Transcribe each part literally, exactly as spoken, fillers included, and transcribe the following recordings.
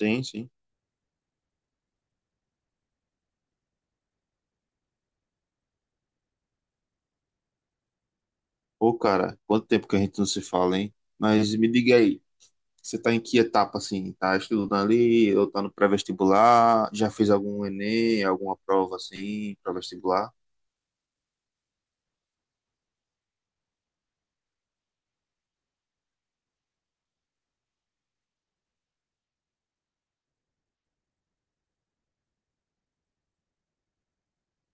Sim, sim. Ô cara, quanto tempo que a gente não se fala, hein? Mas me diga aí, você tá em que etapa, assim? Tá estudando ali, ou tá no pré-vestibular? Já fez algum Enem, alguma prova, assim, pré-vestibular?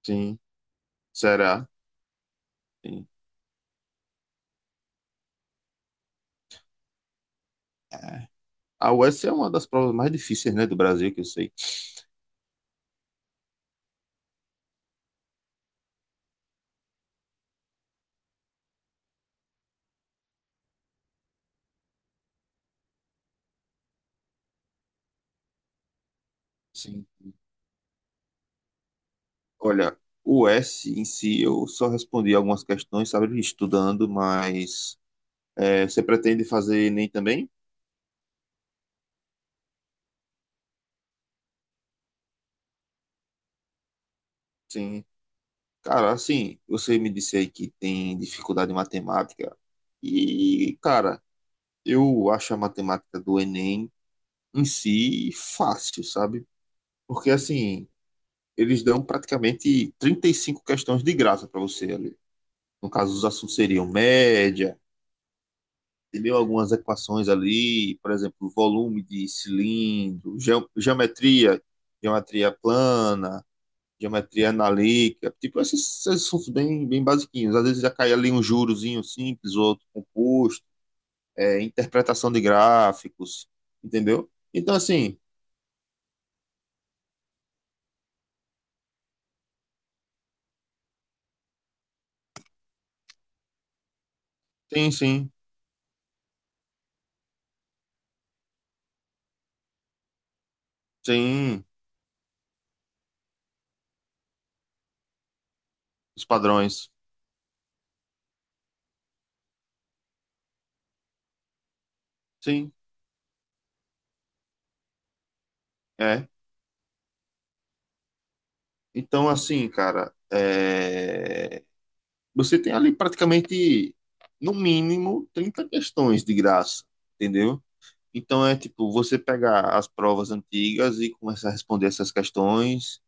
Sim, será? Sim. É. A U S é uma das provas mais difíceis, né, do Brasil, que eu sei. Sim. Olha, o S em si, eu só respondi algumas questões, sabe, estudando, mas é, você pretende fazer Enem também? Sim. Cara, assim, você me disse aí que tem dificuldade em matemática. E, cara, eu acho a matemática do Enem em si fácil, sabe? Porque, assim, eles dão praticamente trinta e cinco questões de graça para você ali. No caso, os assuntos seriam média, entendeu? Algumas equações ali, por exemplo, volume de cilindro, geo- geometria, geometria plana. Geometria analítica, tipo esses, esses assuntos bem, bem basiquinhos. Às vezes já cai ali um jurozinho simples, outro composto, é, interpretação de gráficos, entendeu? Então, assim, sim, sim, sim, os padrões, sim, é. Então, assim, cara, é, você tem ali praticamente, no mínimo, trinta questões de graça, entendeu? Então é tipo, você pegar as provas antigas e começar a responder essas questões.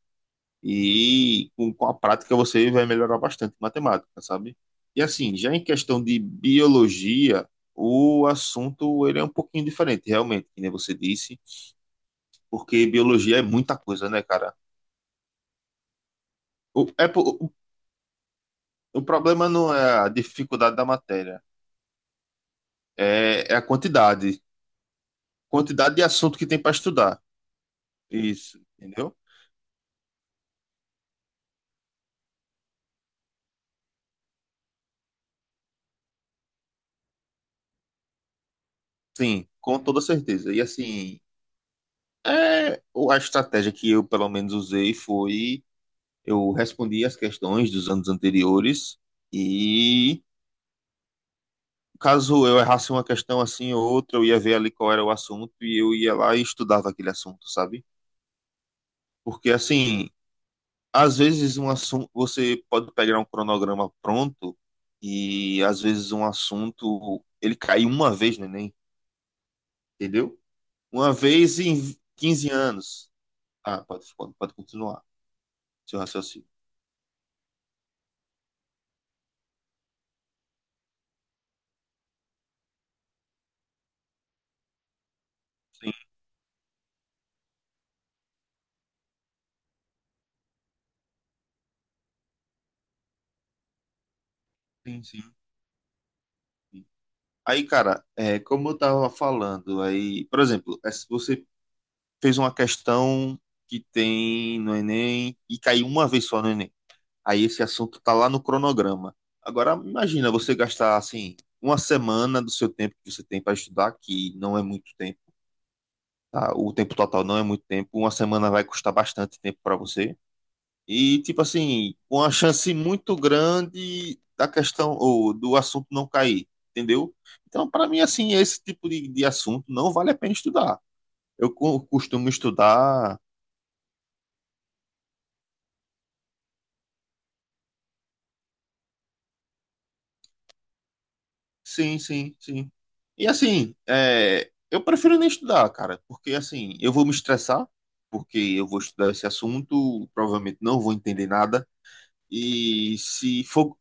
E com, com a prática você vai melhorar bastante em matemática, sabe? E assim, já em questão de biologia, o assunto ele é um pouquinho diferente, realmente, que nem você disse, porque biologia é muita coisa, né, cara? O, é, po- o, o problema não é a dificuldade da matéria, é, é a quantidade. Quantidade de assunto que tem para estudar. Isso, entendeu? Sim, com toda certeza. E assim, é, o- a estratégia que eu, pelo menos, usei foi. Eu respondi as questões dos anos anteriores e caso eu errasse uma questão assim ou outra, eu ia ver ali qual era o assunto e eu ia lá e estudava aquele assunto, sabe? Porque assim, às vezes um assunto, você pode pegar um cronograma pronto e às vezes um assunto ele cai uma vez no Enem, entendeu? Uma vez em quinze anos. Ah, pode, pode, pode continuar seu raciocínio. Sim, sim, sim. Aí, cara, é, como eu tava falando, aí, por exemplo, é, se você fez uma questão que tem no Enem e caiu uma vez só no Enem. Aí esse assunto tá lá no cronograma. Agora, imagina você gastar, assim, uma semana do seu tempo que você tem para estudar, que não é muito tempo, tá? O tempo total não é muito tempo. Uma semana vai custar bastante tempo para você. E, tipo assim, com uma chance muito grande da questão ou do assunto não cair, entendeu? Então, para mim, assim, esse tipo de, de assunto não vale a pena estudar. Eu co- costumo estudar. Sim, sim, sim. E, assim, é, eu prefiro nem estudar, cara, porque, assim, eu vou me estressar, porque eu vou estudar esse assunto, provavelmente não vou entender nada. E se for,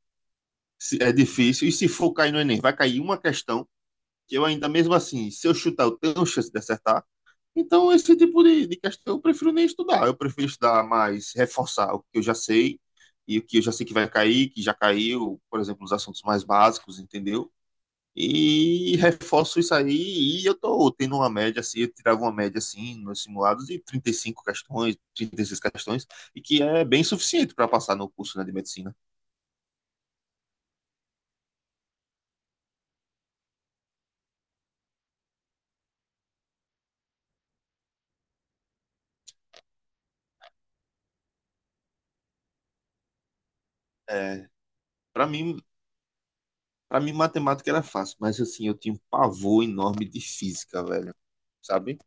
se é difícil, e se for cair no Enem, vai cair uma questão, que eu ainda mesmo assim, se eu chutar, eu tenho chance de acertar. Então, esse tipo de, de questão eu prefiro nem estudar. Eu prefiro estudar mais, reforçar o que eu já sei e o que eu já sei que vai cair, que já caiu, por exemplo, os assuntos mais básicos, entendeu? E reforço isso aí e eu tô tendo uma média assim, eu tirava uma média assim nos simulados de trinta e cinco questões, trinta e seis questões, e que é bem suficiente para passar no curso, né, de medicina. É, para mim, Pra mim, matemática era fácil, mas assim, eu tinha um pavor enorme de física, velho. Sabe?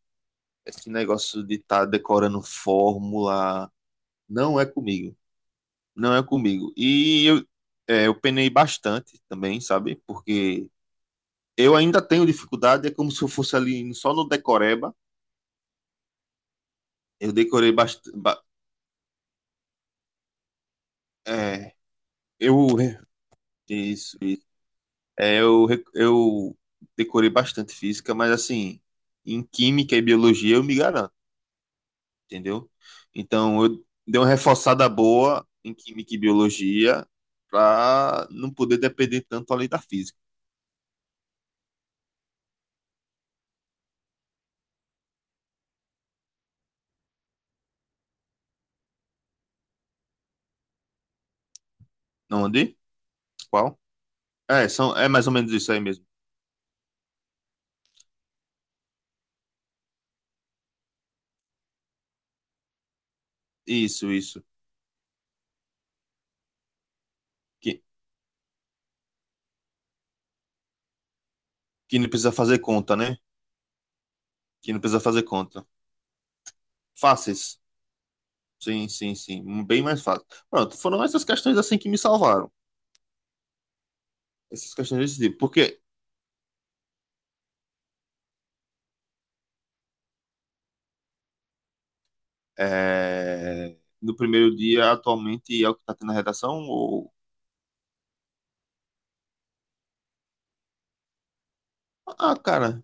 Esse negócio de estar decorando fórmula não é comigo. Não é comigo. E eu, é, eu penei bastante também, sabe? Porque eu ainda tenho dificuldade, é como se eu fosse ali só no decoreba. Eu decorei bastante. É, eu. Isso, isso. É, eu, re- eu decorei bastante física, mas assim, em química e biologia eu me garanto. Entendeu? Então, eu dei uma reforçada boa em química e biologia para não poder depender tanto além da física. Não andei? Qual? É, são, é mais ou menos isso aí mesmo. Isso, isso. Que, que não precisa fazer conta, né? Que não precisa fazer conta. Fáceis. Sim, sim, sim. Bem mais fácil. Pronto, foram essas questões assim que me salvaram. Essas questões desse tipo. Porque é, no primeiro dia, atualmente, é o que tá tendo na redação? Ou? Ah, cara,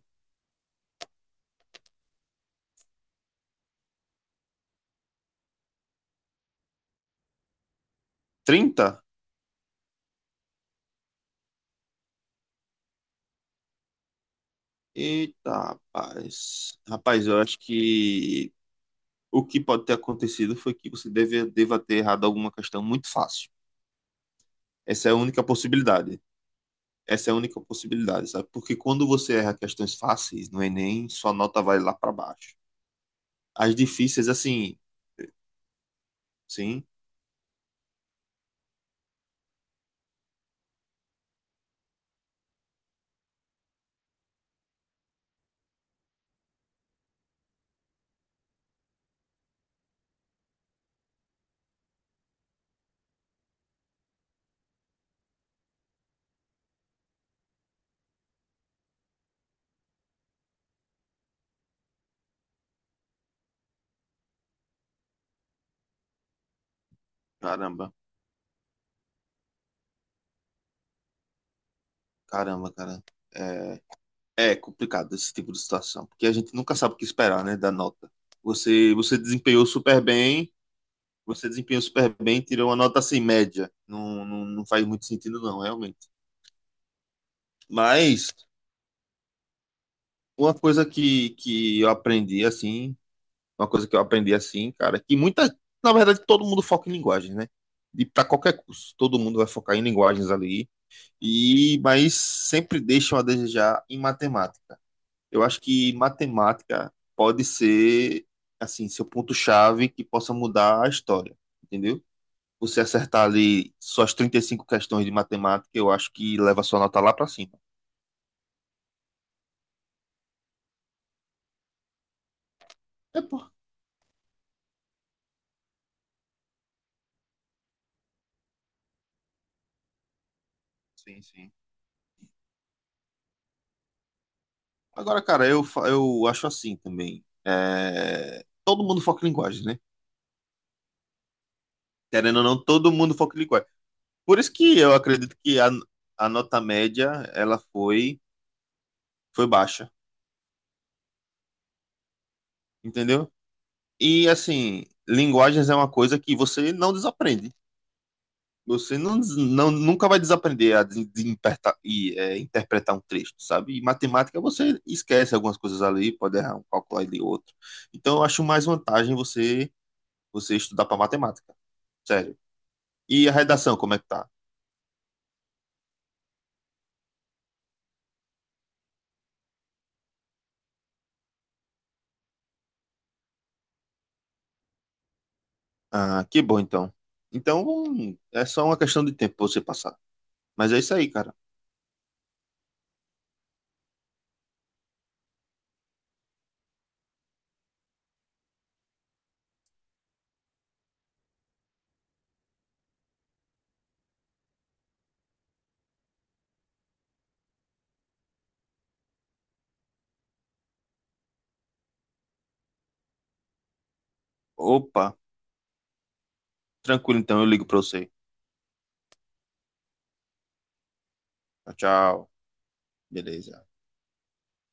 trinta. Eita, rapaz. Rapaz, eu acho que o que pode ter acontecido foi que você deve, deva ter errado alguma questão muito fácil. Essa é a única possibilidade. Essa é a única possibilidade, sabe? Porque quando você erra questões fáceis no Enem, sua nota vai lá para baixo. As difíceis, assim, sim, caramba, caramba, cara. É, é complicado esse tipo de situação, porque a gente nunca sabe o que esperar, né, da nota. Você, você desempenhou super bem. Você desempenhou super bem, tirou uma nota assim, média. Não, não, não faz muito sentido, não, realmente. Mas uma coisa que, que eu aprendi assim, uma coisa que eu aprendi assim, cara, que muita, na verdade, todo mundo foca em linguagens, né? De Para qualquer curso, todo mundo vai focar em linguagens ali. E mas sempre deixam a desejar em matemática. Eu acho que matemática pode ser assim, seu ponto-chave que possa mudar a história, entendeu? Você acertar ali suas trinta e cinco questões de matemática, eu acho que leva sua nota lá pra cima. É, pô. Sim, sim. Agora, cara, eu, fa- eu acho assim também. É. Todo mundo foca em linguagem, né? Querendo ou não, todo mundo foca em linguagem. Por isso que eu acredito que a, a nota média, ela foi, foi baixa, entendeu? E, assim, linguagens é uma coisa que você não desaprende. Você não, des- não- nunca vai desaprender a des- desimperta- e, é, interpretar um texto, sabe? E matemática você esquece algumas coisas ali, pode errar um cálculo ali outro. Então eu acho mais vantagem você você estudar para matemática, sério. E a redação, como é que tá? Ah, que bom então. Então hum, é só uma questão de tempo pra você passar. Mas é isso aí, cara. Opa, tranquilo então, eu ligo para você. Tchau, tchau. Beleza.